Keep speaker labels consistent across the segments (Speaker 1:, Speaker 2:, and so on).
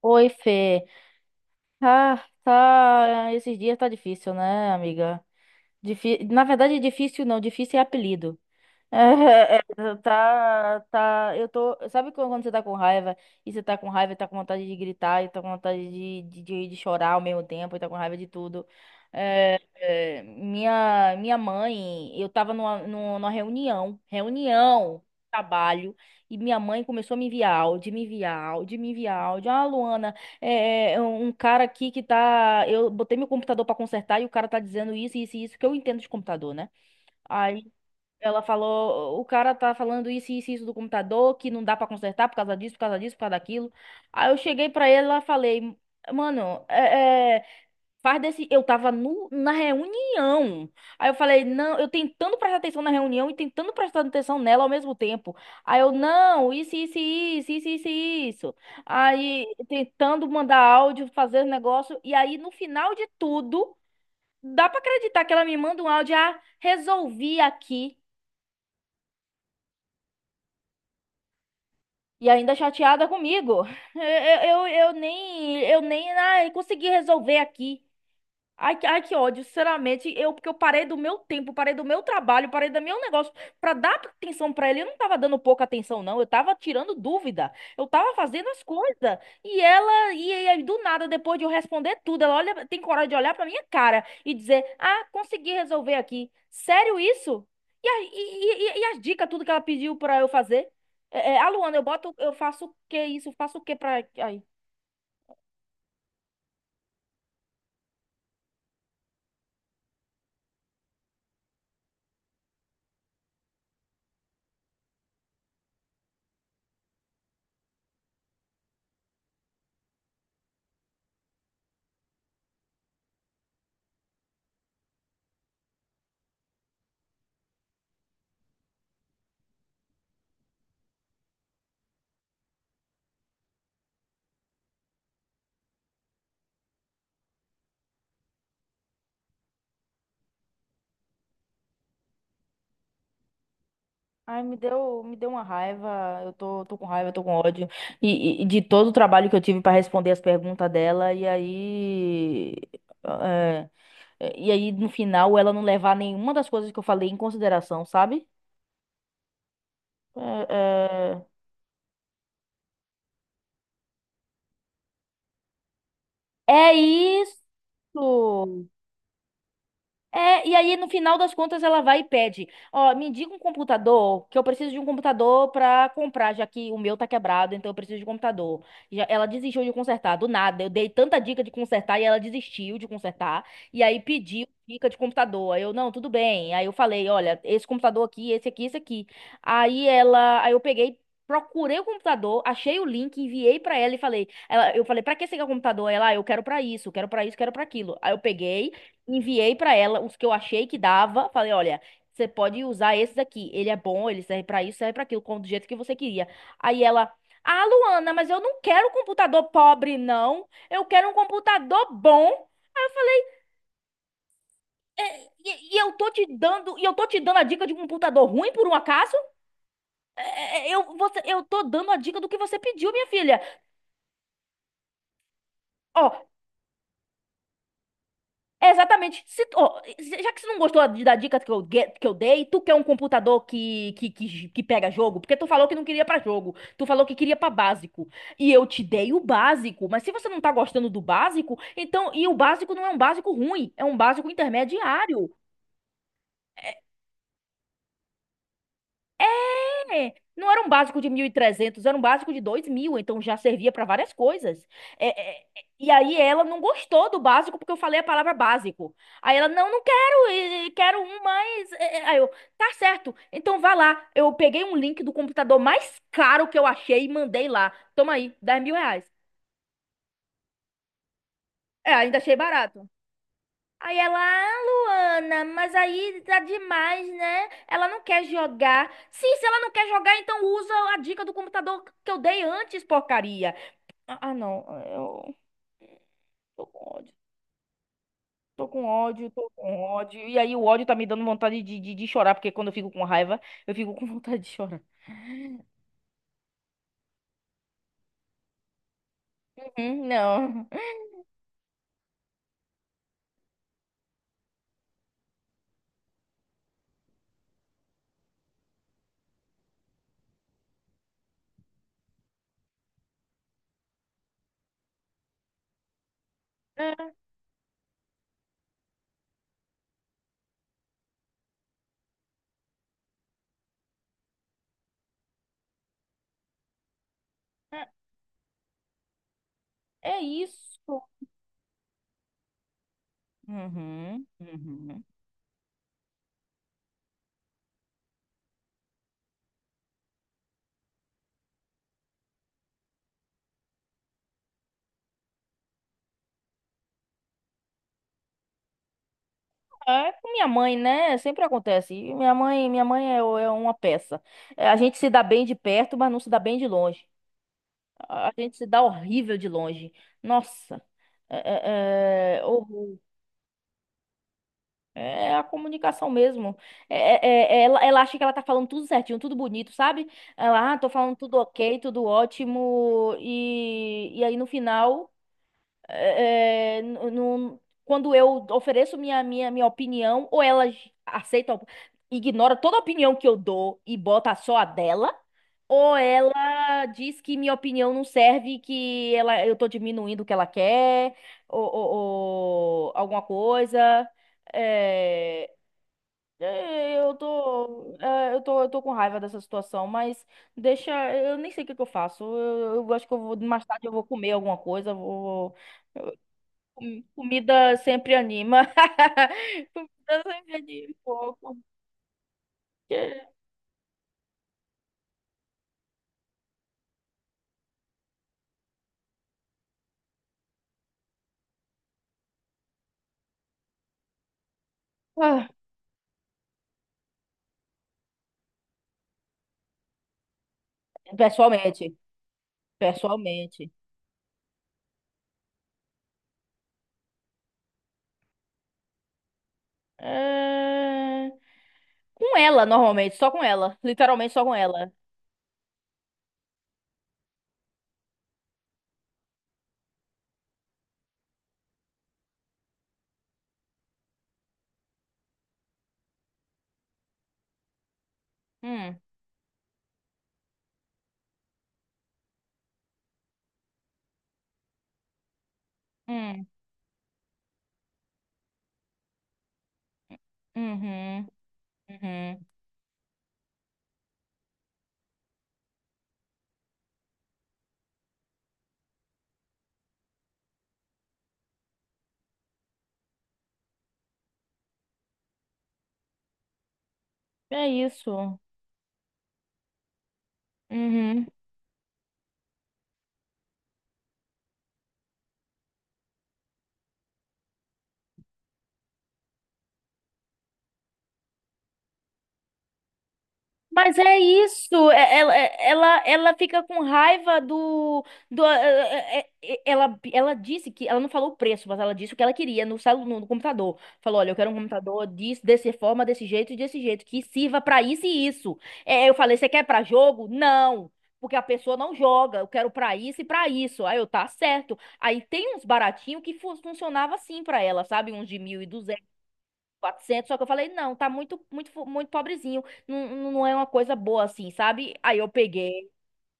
Speaker 1: Oi, Fê. Ah, tá. Esses dias tá difícil, né, amiga? Na verdade, difícil não, difícil é apelido. É, tá, eu tô, sabe quando você tá com raiva, e você tá com raiva e tá com vontade de gritar, e tá com vontade de chorar ao mesmo tempo, e tá com raiva de tudo. Minha mãe, eu tava numa reunião trabalho, e minha mãe começou a me enviar áudio, me enviar áudio, me enviar áudio. Ah, Luana, é um cara aqui que tá, eu botei meu computador pra consertar, e o cara tá dizendo isso, isso e isso, que eu entendo de computador, né? Aí ela falou, o cara tá falando isso, isso, isso do computador, que não dá pra consertar por causa disso, por causa disso, por causa daquilo. Aí eu cheguei pra ela e falei, mano, faz desse. Eu tava no, na reunião. Aí eu falei, não, eu tentando prestar atenção na reunião e tentando prestar atenção nela ao mesmo tempo. Aí eu, não, isso, isso, isso, isso, isso, isso. Aí tentando mandar áudio, fazer negócio. E aí no final de tudo, dá pra acreditar que ela me manda um áudio: "Ah, resolvi aqui". E ainda chateada comigo. Eu, eu, eu eu nem ai, consegui resolver aqui. Ai, ai, que ódio, sinceramente, eu porque eu parei do meu tempo, parei do meu trabalho, parei do meu negócio pra dar atenção pra ele. Eu não tava dando pouca atenção, não. Eu tava tirando dúvida. Eu tava fazendo as coisas. E aí do nada, depois de eu responder tudo, ela olha, tem coragem de olhar pra minha cara e dizer: "Ah, consegui resolver aqui". Sério isso? E as dicas, tudo que ela pediu pra eu fazer? A Luana, eu faço o quê isso? Faço o quê pra. Ai. Ai, me deu uma raiva. Eu tô com raiva, tô com ódio. E de todo o trabalho que eu tive pra responder as perguntas dela, e aí. é, e aí, no final, ela não levar nenhuma das coisas que eu falei em consideração, sabe? É, é isso! É, e aí no final das contas ela vai e pede, ó, me diga um computador, que eu preciso de um computador pra comprar, já que o meu tá quebrado, então eu preciso de um computador. Já, ela desistiu de consertar, do nada, eu dei tanta dica de consertar e ela desistiu de consertar, e aí pediu dica de computador. Aí eu, não, tudo bem. Aí eu falei, olha, esse computador aqui, esse aqui, esse aqui. Aí ela, aí eu peguei Procurei o computador, achei o link, enviei pra ela e eu falei, pra que você quer o computador? Ela: "Ah, eu quero pra isso, quero pra isso, quero pra aquilo". Enviei pra ela os que eu achei que dava. Falei, olha, você pode usar esse daqui. Ele é bom, ele serve pra isso, serve pra aquilo, como do jeito que você queria. Aí ela, ah, Luana, mas eu não quero um computador pobre, não. Eu quero um computador bom. Eu falei, e eu tô te dando a dica de um computador ruim por um acaso? Eu tô dando a dica do que você pediu, minha filha. Ó, Exatamente. Se tu- ó, se- Já que você não gostou da dica que eu dei, tu quer um computador que pega jogo? Porque tu falou que não queria pra jogo. Tu falou que queria pra básico. E eu te dei o básico. Mas se você não tá gostando do básico, então. E o básico não é um básico ruim, é um básico intermediário. É, não era um básico de 1.300, era um básico de 2.000, então já servia para várias coisas. É, é, e aí ela não gostou do básico porque eu falei a palavra básico. Aí ela, não, não quero, e quero um mais. Aí eu, tá certo, então vá lá. Eu peguei um link do computador mais caro que eu achei e mandei lá. Toma aí, 10.000 reais. É, ainda achei barato. Aí ela, ah, Luana, mas aí tá demais, né? Ela não quer jogar. Sim, se ela não quer jogar, então usa a dica do computador que eu dei antes, porcaria. Ah, não, eu tô com ódio. Tô com ódio, tô com ódio. E aí o ódio tá me dando vontade de chorar, porque quando eu fico com raiva, eu fico com vontade de chorar. Uhum, não. É, é é isso. Uhum, uhum. É, com minha mãe, né? Sempre acontece. E minha mãe é uma peça. É, a gente se dá bem de perto, mas não se dá bem de longe. A gente se dá horrível de longe. Nossa. Horror. É é a comunicação mesmo. É, ela acha que ela tá falando tudo certinho, tudo bonito, sabe? Ela, ah, tô falando tudo ok, tudo ótimo. E aí no final. É, é, n- não- Quando eu ofereço minha opinião, ou ela ignora toda a opinião que eu dou e bota só a dela, ou ela diz que minha opinião não serve, eu tô diminuindo o que ela quer, ou alguma coisa. É, é, eu tô com raiva dessa situação, mas deixa, eu nem sei o que que eu faço. Eu acho que mais tarde eu vou comer alguma coisa, comida sempre anima. Comida sempre anima um pouco. porque- Ah, Pessoalmente, pessoalmente. É, Com ela, normalmente, só com ela. Literalmente só com ela. Hum, hum, uhum, uhum. É isso. Uhum. Mas é isso. Ela fica com raiva do ela ela não falou o preço, mas ela disse o que ela queria no computador. Falou, olha, eu quero um computador disso, dessa forma, desse jeito e desse jeito, que sirva pra isso e isso. É, eu falei, você quer pra jogo? Não, porque a pessoa não joga, eu quero pra isso e pra isso. Aí eu, tá certo. Aí tem uns baratinhos que fu- funcionava assim pra ela, sabe? Uns de mil e duzentos quatrocentos, só que eu falei, não, tá muito pobrezinho, não, não é uma coisa boa assim, sabe? Aí eu peguei,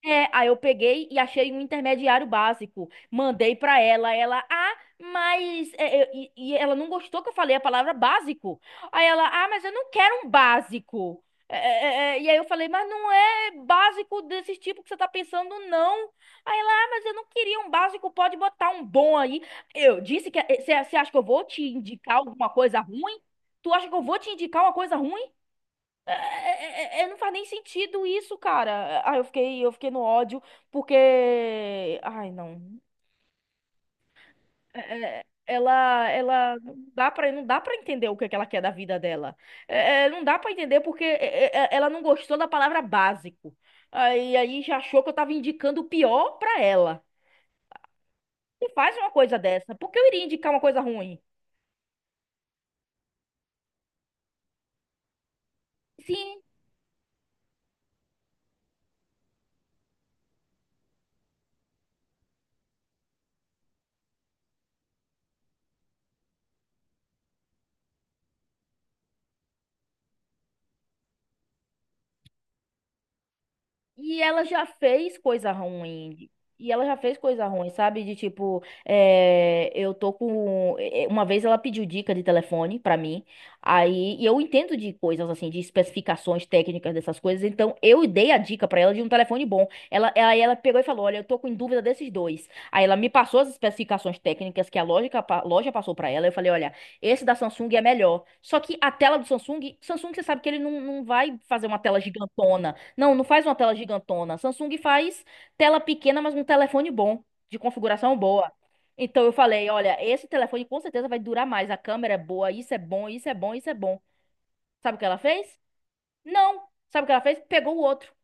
Speaker 1: é, aí eu peguei e achei um intermediário básico. Mandei pra ela, ela, ah, mas ela não gostou que eu falei a palavra básico. Aí ela, ah, mas eu não quero um básico. E aí eu falei, mas não é básico desse tipo que você tá pensando, não. Aí ela, ah, mas eu não queria um básico, pode botar um bom aí. Eu disse que "É, você acha que eu vou te indicar alguma coisa ruim? Tu acha que eu vou te indicar uma coisa ruim? Não faz nem sentido isso, cara. Ah, eu fiquei no ódio porque, ai, não. Ela não dá para entender o que é que ela quer da vida dela. Não dá para entender porque ela não gostou da palavra básico. Aí, já achou que eu tava indicando o pior pra ela. E faz uma coisa dessa. Por que eu iria indicar uma coisa ruim? Sim. E ela já fez coisa ruim. E ela já fez coisa ruim, sabe? De tipo, é, eu tô com. É, Uma vez ela pediu dica de telefone pra mim. Aí, e eu entendo de coisas assim, de especificações técnicas dessas coisas. Então, eu dei a dica pra ela de um telefone bom. Aí ela pegou e falou: Olha, eu tô com dúvida desses dois. Aí ela me passou as especificações técnicas que a loja passou pra ela. Eu falei: Olha, esse da Samsung é melhor. Só que a tela do Samsung, você sabe que ele não vai fazer uma tela gigantona. Não, não faz uma tela gigantona. Samsung faz tela pequena, mas um telefone bom, de configuração boa. Então eu falei, olha, esse telefone com certeza vai durar mais. A câmera é boa, isso é bom, isso é bom, isso é bom. Sabe o que ela fez? Não. Sabe o que ela fez? Pegou o outro.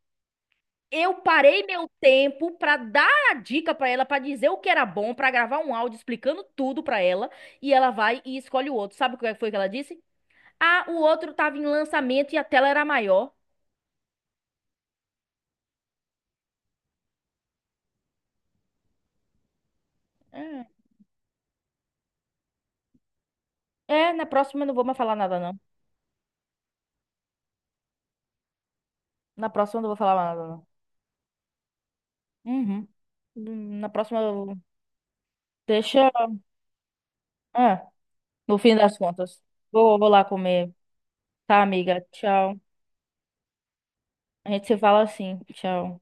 Speaker 1: Eu parei meu tempo pra dar a dica pra ela, pra dizer o que era bom, pra gravar um áudio explicando tudo pra ela, e ela vai e escolhe o outro. Sabe o que foi que ela disse? Ah, o outro tava em lançamento e a tela era maior. Hum. É, na próxima eu não vou mais falar nada, não. Na próxima eu não vou falar mais nada, não. Uhum. Na próxima, deixa. É, no fim das contas. Vou lá comer. Tá, amiga? Tchau. A gente se fala assim. Tchau.